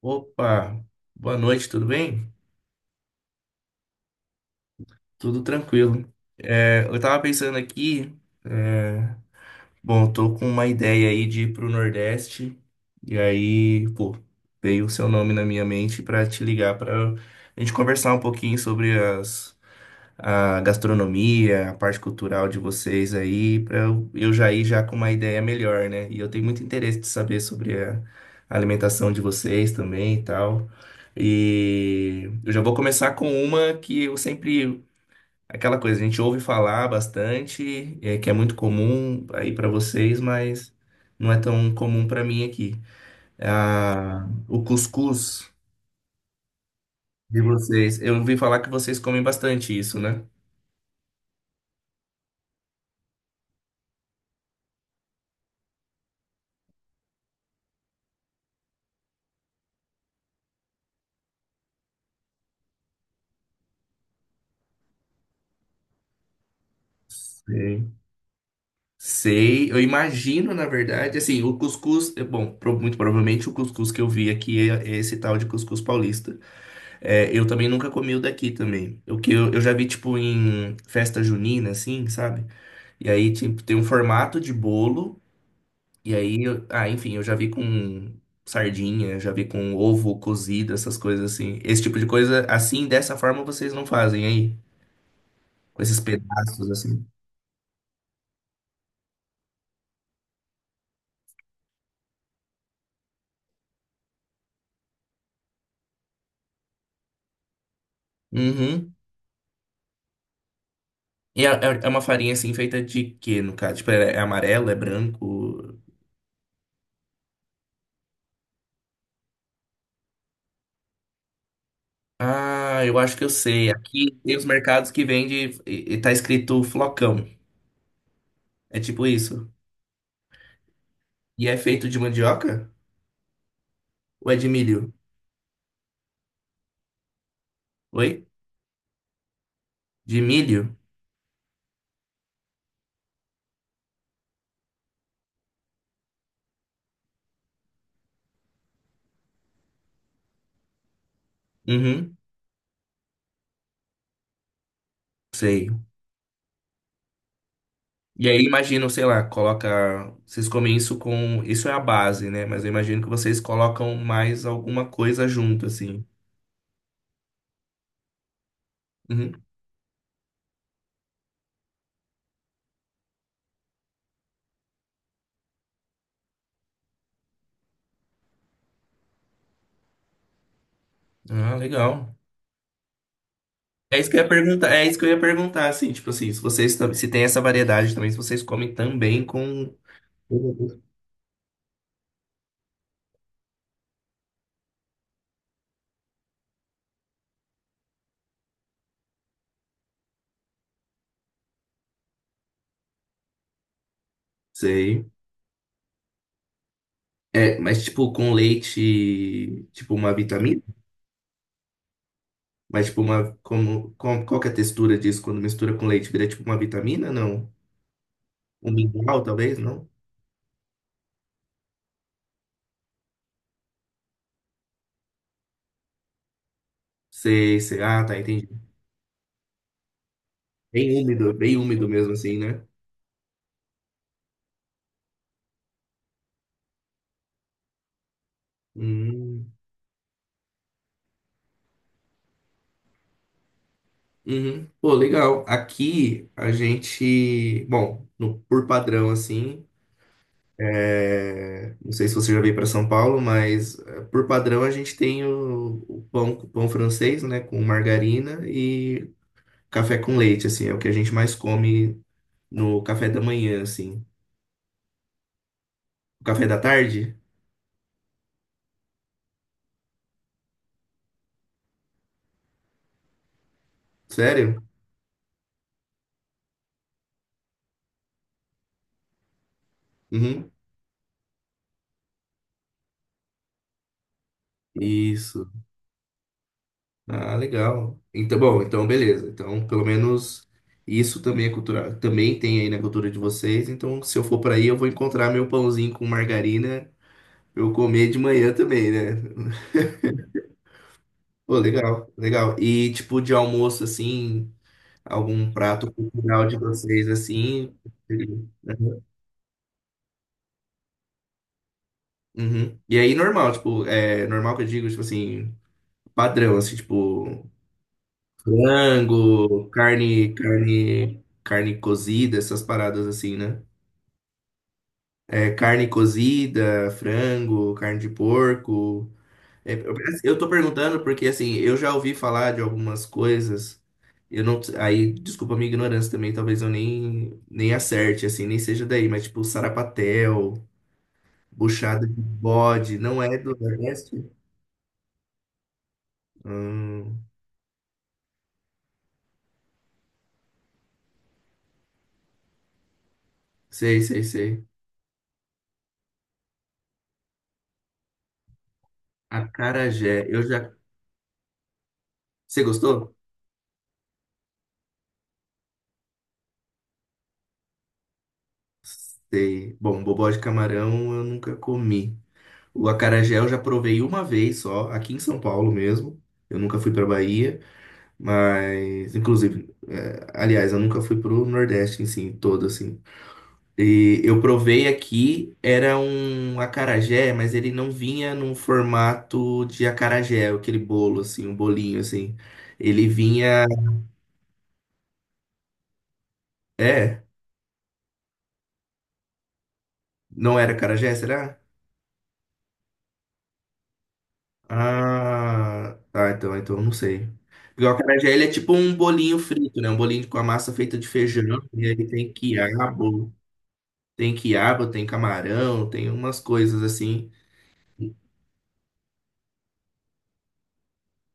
Opa, boa noite, tudo bem? Tudo tranquilo. Eu tava pensando aqui, é, bom, eu tô com uma ideia aí de ir pro Nordeste, e aí, pô, veio o seu nome na minha mente pra te ligar pra gente conversar um pouquinho sobre as a gastronomia, a parte cultural de vocês aí, para eu já ir já com uma ideia melhor, né? E eu tenho muito interesse de saber sobre a alimentação de vocês também e tal. E eu já vou começar com uma que eu sempre, aquela coisa, a gente ouve falar bastante, que é muito comum aí para vocês, mas não é tão comum para mim aqui. Ah, o cuscuz de vocês. Eu ouvi falar que vocês comem bastante isso, né? Sim. Sei, eu imagino, na verdade, assim, o cuscuz, é bom, muito provavelmente o cuscuz que eu vi aqui é esse tal de cuscuz paulista. É, eu também nunca comi o daqui também. O que eu já vi, tipo, em festa junina, assim, sabe? E aí, tipo, tem um formato de bolo, e aí, ah, enfim, eu já vi com sardinha, já vi com ovo cozido, essas coisas assim. Esse tipo de coisa, assim, dessa forma, vocês não fazem aí, com esses pedaços, assim. Uhum. E é uma farinha assim feita de quê, no caso? Tipo, é amarelo, é branco? Ah, eu acho que eu sei. Aqui tem os mercados que vende e tá escrito flocão. É tipo isso. E é feito de mandioca? Ou é de milho? Oi? De milho? Uhum, sei. E aí imagino, sei lá, coloca. Vocês comem isso com. Isso é a base, né? Mas eu imagino que vocês colocam mais alguma coisa junto, assim. Uhum. Ah, legal. É isso que eu ia perguntar, é isso que eu ia perguntar, assim, tipo assim, se se tem essa variedade também, se vocês comem também com sei. É, mas tipo com leite, tipo uma vitamina? Mas tipo uma como com, qual que é a textura disso quando mistura com leite? Vira tipo uma vitamina? Não. Um mingau, talvez, não? Sei, sei. Ah, tá, entendi. Bem úmido mesmo assim, né? Hum. Uhum. Pô, legal. Aqui a gente, bom, por padrão assim, é, não sei se você já veio para São Paulo, mas por padrão a gente tem o pão francês, né, com margarina e café com leite, assim, é o que a gente mais come no café da manhã, assim. O café da tarde? Sério? Uhum. Isso. Ah, legal. Então, bom, então beleza. Então, pelo menos isso também é cultura, também tem aí na cultura de vocês. Então, se eu for para aí, eu vou encontrar meu pãozinho com margarina, pra eu comer de manhã também, né? Pô, legal, legal. E tipo de almoço assim, algum prato cultural de vocês assim. Uhum. Uhum. E aí normal, tipo, é normal que eu digo, tipo assim, padrão, assim, tipo, frango, carne cozida, essas paradas assim, né? É, carne cozida, frango, carne de porco. É, eu tô perguntando porque, assim, eu já ouvi falar de algumas coisas. Eu não. Aí, desculpa a minha ignorância também, talvez eu nem acerte, assim, nem seja daí, mas tipo, sarapatel, buchada de bode, não é do Nordeste? Hum, sei, sei, sei. Acarajé, eu já. Você gostou? Sei. Bom, bobó de camarão eu nunca comi. O acarajé eu já provei uma vez só, aqui em São Paulo mesmo. Eu nunca fui pra Bahia. Mas, inclusive, aliás, eu nunca fui pro Nordeste em si, todo assim. E eu provei aqui, era um acarajé, mas ele não vinha num formato de acarajé, aquele bolo assim, um bolinho assim. Ele vinha, é, não era acarajé, será? Ah, tá, então, então eu não sei. Porque o acarajé, ele é tipo um bolinho frito, né? Um bolinho com a massa feita de feijão, e aí tem quiabo, tem quiabo, tem camarão, tem umas coisas assim.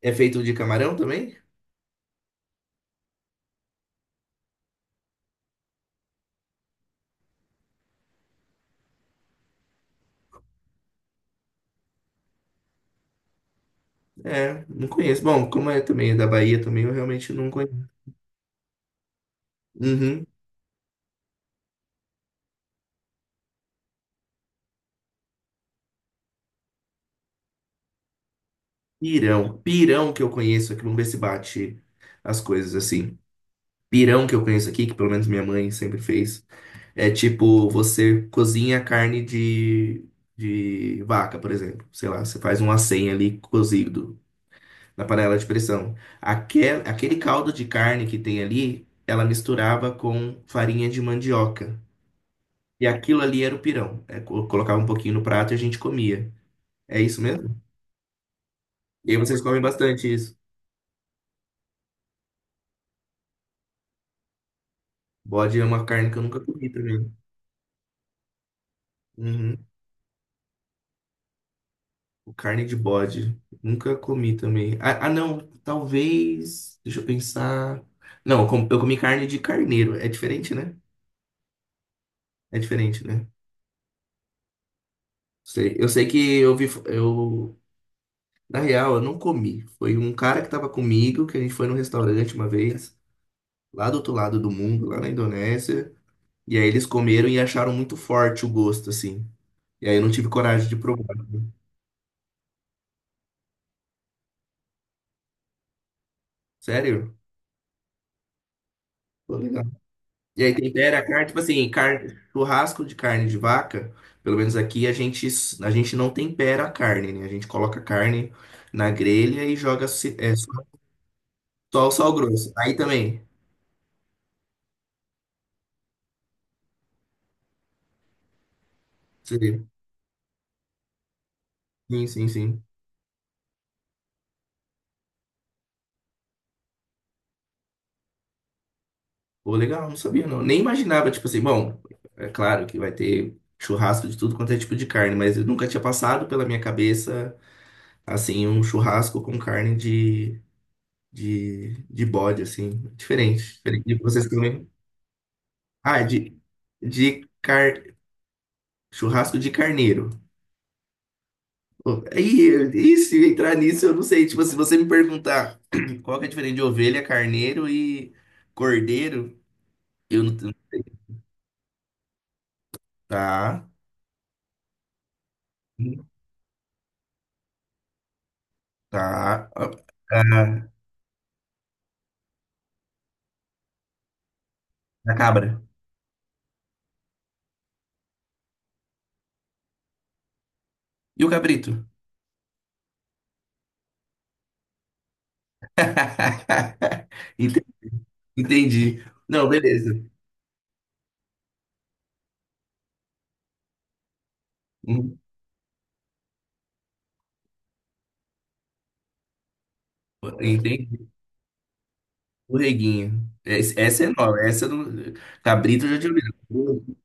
É feito de camarão também? É, não conheço. Bom, como é também é da Bahia também, eu realmente não conheço. Uhum. Pirão. Pirão que eu conheço aqui, vamos ver se bate as coisas assim. Pirão que eu conheço aqui, que pelo menos minha mãe sempre fez, é tipo, você cozinha carne de vaca, por exemplo. Sei lá, você faz um acém ali cozido na panela de pressão. Aquele caldo de carne que tem ali, ela misturava com farinha de mandioca. E aquilo ali era o pirão. É, colocava um pouquinho no prato e a gente comia. É isso mesmo? E aí vocês comem bastante isso. Bode é uma carne que eu nunca comi também. Uhum. Carne de bode. Nunca comi também. Ah, ah, não. Talvez. Deixa eu pensar. Não, eu comi carne de carneiro. É diferente, né? É diferente, né? Sei. Eu sei que eu vi. Eu... Na real, eu não comi. Foi um cara que tava comigo, que a gente foi num restaurante uma vez, lá do outro lado do mundo, lá na Indonésia. E aí eles comeram e acharam muito forte o gosto, assim. E aí eu não tive coragem de provar, né? Sério? Pô, legal. E aí tempera a carne, tipo assim, churrasco de carne de vaca, pelo menos aqui a gente não tempera a carne, né? A gente coloca a carne na grelha e joga só só o sal grosso. Aí também. Sim, sim, sim, sim. Pô, legal, não sabia não. Nem imaginava, tipo assim, bom, é claro que vai ter churrasco de tudo quanto é tipo de carne, mas eu nunca tinha passado pela minha cabeça assim, um churrasco com carne de bode, assim, diferente, diferente de vocês também. Ah, de car... churrasco de carneiro. Pô, aí, e se entrar nisso, eu não sei, tipo, se você me perguntar qual que é a diferença de ovelha, carneiro e cordeiro, eu não... Tá, tá, ah, ah, a cabra. E o cabrito? Ente- Entendi. Não, beleza. Hum, Entendi. Borreguinho. Essa é nova. Essa do cabrito eu já tinha ouvido.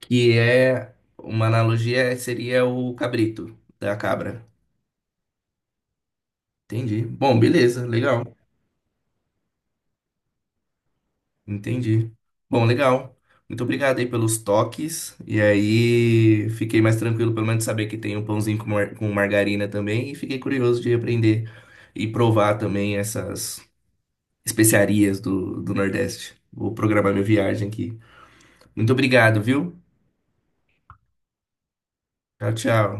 Que é uma analogia seria o cabrito da cabra. Entendi. Bom, beleza, legal. Entendi. Bom, legal. Muito obrigado aí pelos toques. E aí, fiquei mais tranquilo, pelo menos, de saber que tem um pãozinho com, com margarina também. E fiquei curioso de aprender e provar também essas especiarias do Nordeste. Vou programar minha viagem aqui. Muito obrigado, viu? Tchau, tchau.